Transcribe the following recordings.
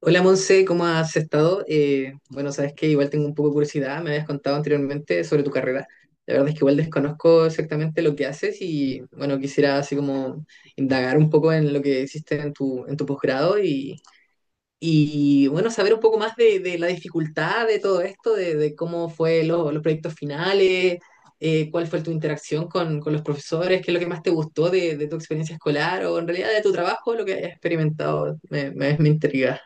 Hola Monse, ¿cómo has estado? Bueno, sabes que igual tengo un poco de curiosidad, me habías contado anteriormente sobre tu carrera. La verdad es que igual desconozco exactamente lo que haces y bueno, quisiera así como indagar un poco en lo que hiciste en tu posgrado y bueno, saber un poco más de la dificultad de todo esto, de cómo fue los proyectos finales, cuál fue tu interacción con los profesores, qué es lo que más te gustó de tu experiencia escolar o en realidad de tu trabajo, lo que hayas experimentado, me intriga.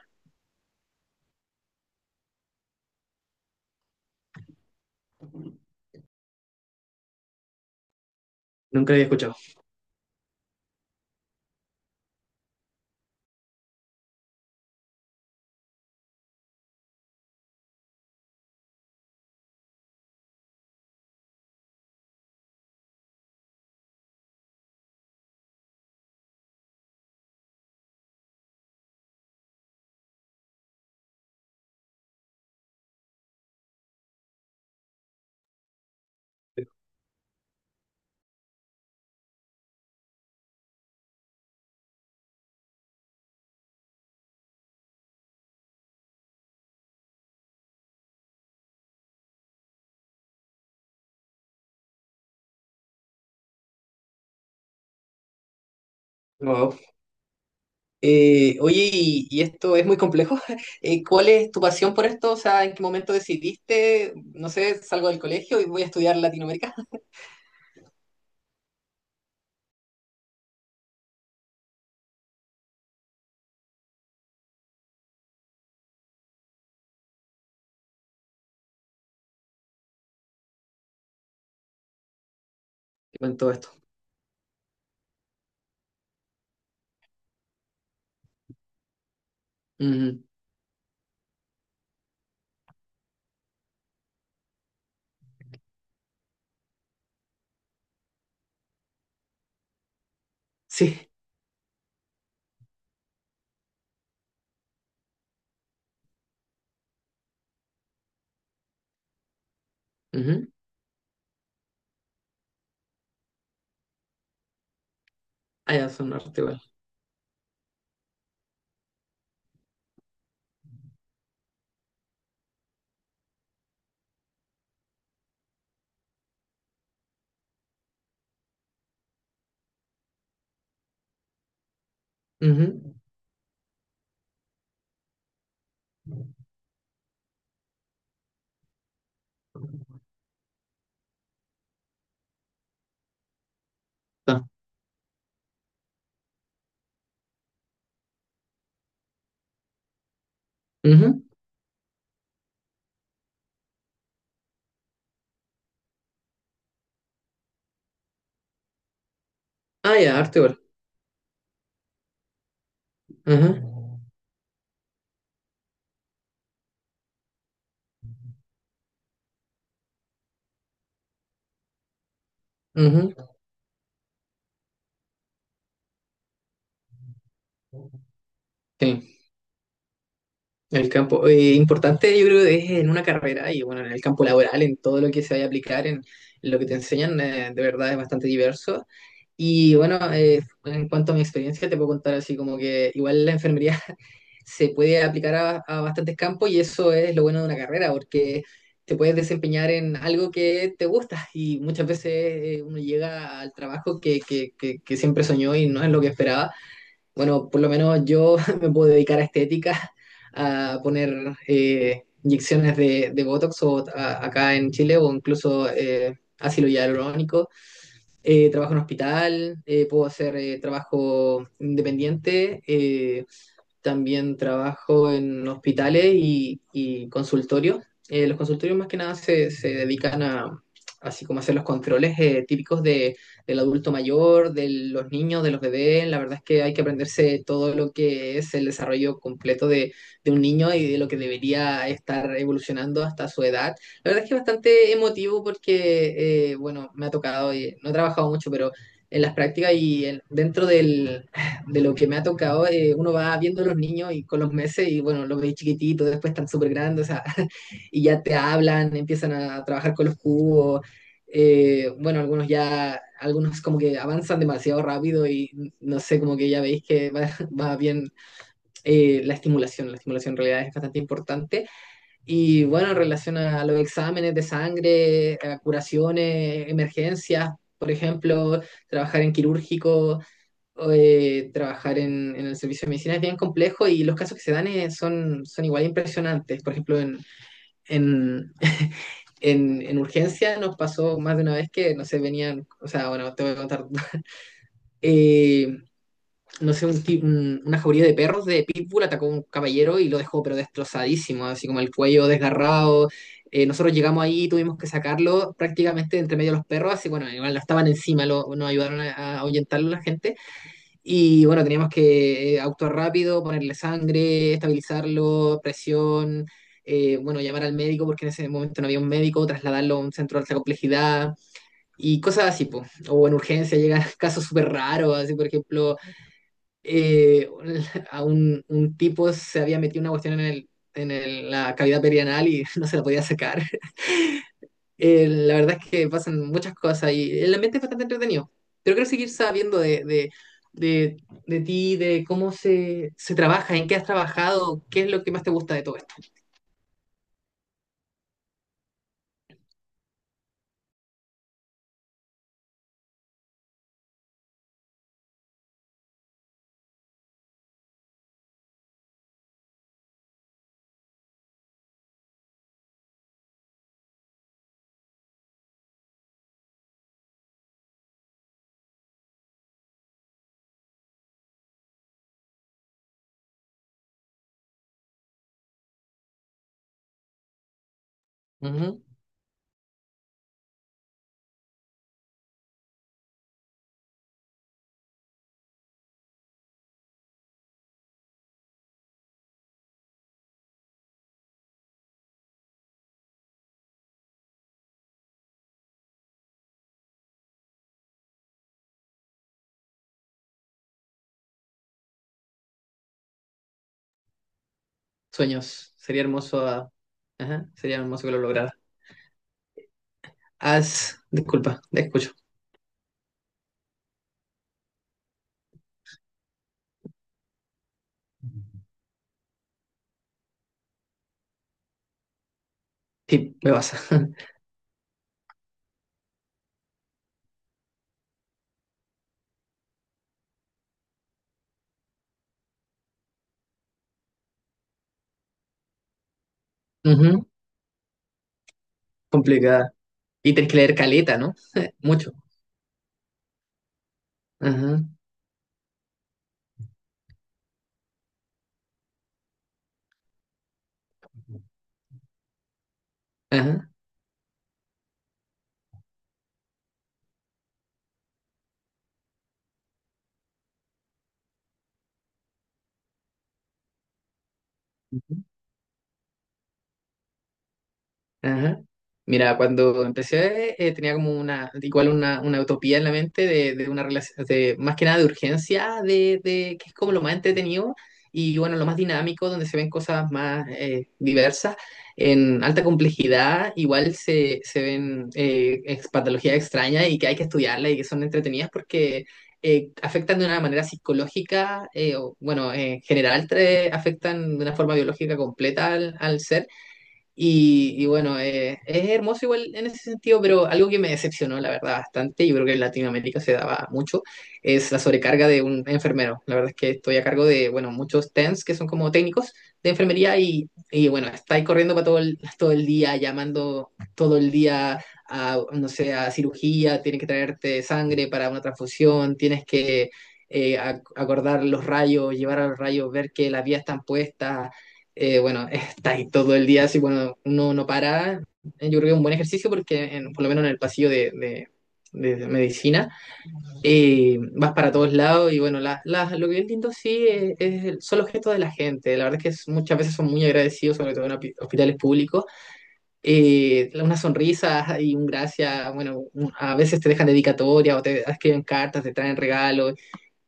Nunca lo había escuchado. Wow. Oye, esto es muy complejo. ¿Cuál es tu pasión por esto? O sea, ¿en qué momento decidiste, no sé, salgo del colegio y voy a estudiar Latinoamérica? Con todo esto. Ujú. Sí. Ujú. Ah, ya, son arte igual. Ujú. Ah, ujú. Ah, ya, arte igual. Ujú. Ujú. Sí. En el campo, importante yo creo que es en una carrera y bueno, en el campo laboral, en todo lo que se vaya a aplicar, en lo que te enseñan, de verdad es bastante diverso. Y bueno, en cuanto a mi experiencia, te puedo contar así como que igual la enfermería se puede aplicar a bastantes campos y eso es lo bueno de una carrera, porque te puedes desempeñar en algo que te gusta y muchas veces uno llega al trabajo que siempre soñó y no es lo que esperaba. Bueno, por lo menos yo me puedo dedicar a estética, a poner inyecciones de Botox o acá en Chile o incluso ácido hialurónico. Trabajo en hospital, puedo hacer trabajo independiente. También trabajo en hospitales y consultorios. Los consultorios más que nada se dedican a, así como hacer los controles típicos de, del adulto mayor, de los niños, de los bebés. La verdad es que hay que aprenderse todo lo que es el desarrollo completo de un niño y de lo que debería estar evolucionando hasta su edad. La verdad es que es bastante emotivo porque, bueno, me ha tocado, y no he trabajado mucho, pero en las prácticas y dentro del, de lo que me ha tocado, uno va viendo a los niños y con los meses y bueno, los veis chiquititos, después están súper grandes, o sea, y ya te hablan, empiezan a trabajar con los cubos, bueno, algunos ya, algunos como que avanzan demasiado rápido y no sé, como que ya veis que va, va bien la estimulación en realidad es bastante importante. Y bueno, en relación a los exámenes de sangre, a curaciones, emergencias, por ejemplo, trabajar en quirúrgico trabajar en el servicio de medicina es bien complejo y los casos que se dan son, son igual impresionantes. Por ejemplo, en, en urgencia nos pasó más de una vez que, no sé, venían, o sea, bueno, te voy a contar, eh, no sé, una jauría de perros de Pitbull atacó a un caballero y lo dejó pero destrozadísimo, así como el cuello desgarrado. Nosotros llegamos ahí y tuvimos que sacarlo prácticamente de entre medio de los perros, así bueno, igual no estaban encima, nos ayudaron a ahuyentarlo la gente y bueno, teníamos que actuar rápido, ponerle sangre, estabilizarlo, presión, bueno, llamar al médico porque en ese momento no había un médico, trasladarlo a un centro de alta complejidad y cosas así, po. O en urgencia llegan casos súper raros, así por ejemplo, eh, a un tipo se había metido una cuestión en el, la cavidad perianal y no se la podía sacar. La verdad es que pasan muchas cosas y el ambiente es bastante entretenido. Pero quiero seguir sabiendo de, de ti, de cómo se trabaja, en qué has trabajado, qué es lo que más te gusta de todo esto. Ujú. Sueños. Sería hermoso, ah, ajá, sería hermoso que lo lograra. Haz, disculpa, te escucho. Sí, me pasa. Ujú. Complicada. Y tenés que leer caleta, ¿no? Mucho. Ajá, ajá. Ajá. Mira, cuando empecé tenía como una, igual una utopía en la mente de una relación, de, más que nada de urgencia, de que es como lo más entretenido y bueno, lo más dinámico, donde se ven cosas más diversas, en alta complejidad, igual se ven patologías extrañas y que hay que estudiarlas y que son entretenidas porque afectan de una manera psicológica, o, bueno, en general afectan de una forma biológica completa al, al ser y bueno, es hermoso igual en ese sentido, pero algo que me decepcionó, la verdad, bastante, yo creo que en Latinoamérica se daba mucho, es la sobrecarga de un enfermero. La verdad es que estoy a cargo de, bueno, muchos TENS que son como técnicos de enfermería y bueno, estáis corriendo para todo el día, llamando todo el día a, no sé, a cirugía, tienes que traerte sangre para una transfusión, tienes que acordar los rayos, llevar a los rayos, ver que las vías están puestas, bueno, está ahí todo el día, así, bueno, uno no para. Yo creo que es un buen ejercicio porque, por lo menos en el pasillo de, de medicina, vas para todos lados y, bueno, lo que es lindo sí es, son los gestos de la gente. La verdad es que muchas veces son muy agradecidos, sobre todo en hospitales públicos. Una sonrisa y un gracias, bueno, a veces te dejan dedicatoria o te escriben cartas, te traen regalos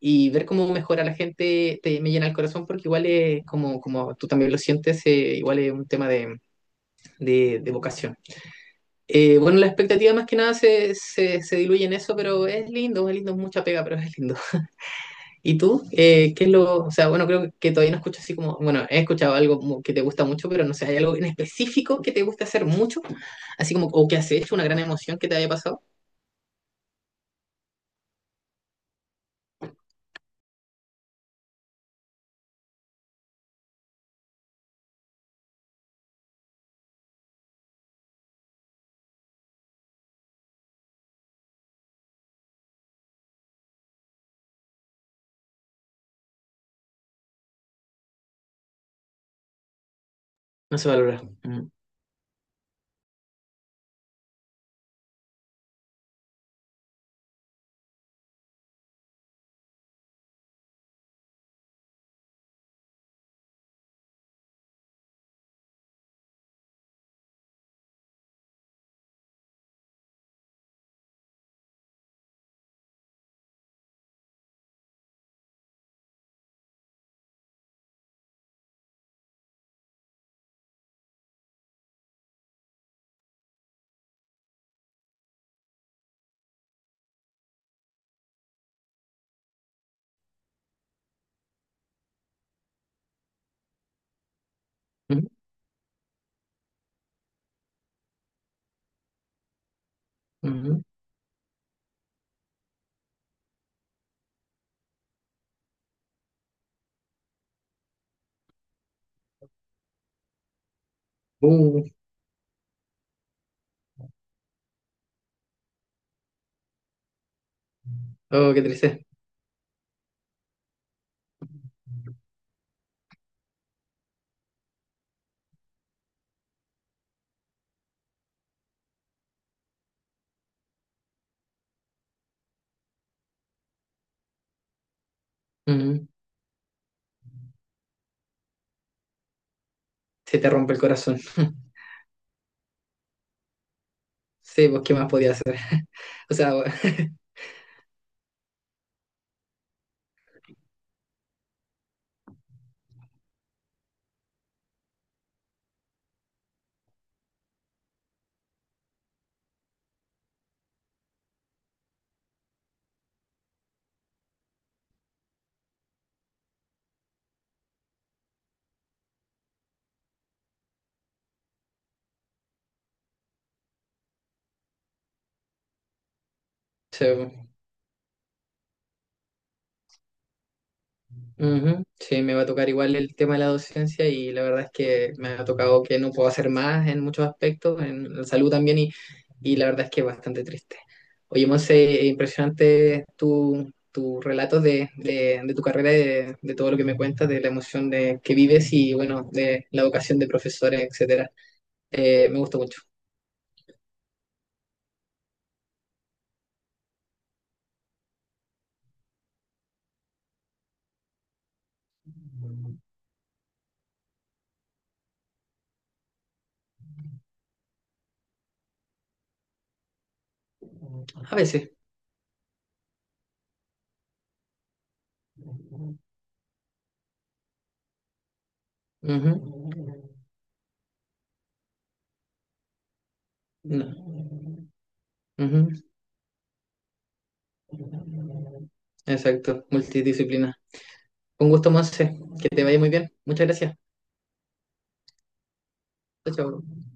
y ver cómo mejora la gente me llena el corazón porque igual es, como, como tú también lo sientes, igual es un tema de vocación. Bueno, la expectativa más que nada se diluye en eso, pero es lindo, es lindo, es mucha pega, pero es lindo. ¿Y tú? ¿Qué es lo, o sea, bueno, creo que todavía no escucho así como, bueno, he escuchado algo como que te gusta mucho, pero no sé, ¿hay algo en específico que te gusta hacer mucho? Así como, o que has hecho una gran emoción que te haya pasado. No se valora. Mm, mm, mm. Uh, oh, qué triste. Mm, se te rompe el corazón. Sí, pues, ¿qué más podía hacer? O sea, bueno, sí, pues. Ujú. Sí, me va a tocar igual el tema de la docencia y la verdad es que me ha tocado que no puedo hacer más en muchos aspectos, en la salud también, y la verdad es que es bastante triste. Oye, Monse, impresionante tu, tu relato de tu carrera, y de todo lo que me cuentas, de la emoción de, que vives y, bueno, de la vocación de profesores, etcétera. Me gustó mucho. A veces. Ujú. No. Ujú. Exacto, multidisciplina. Un gusto, Monse. Que te vaya muy bien. Muchas gracias. Chao, chao.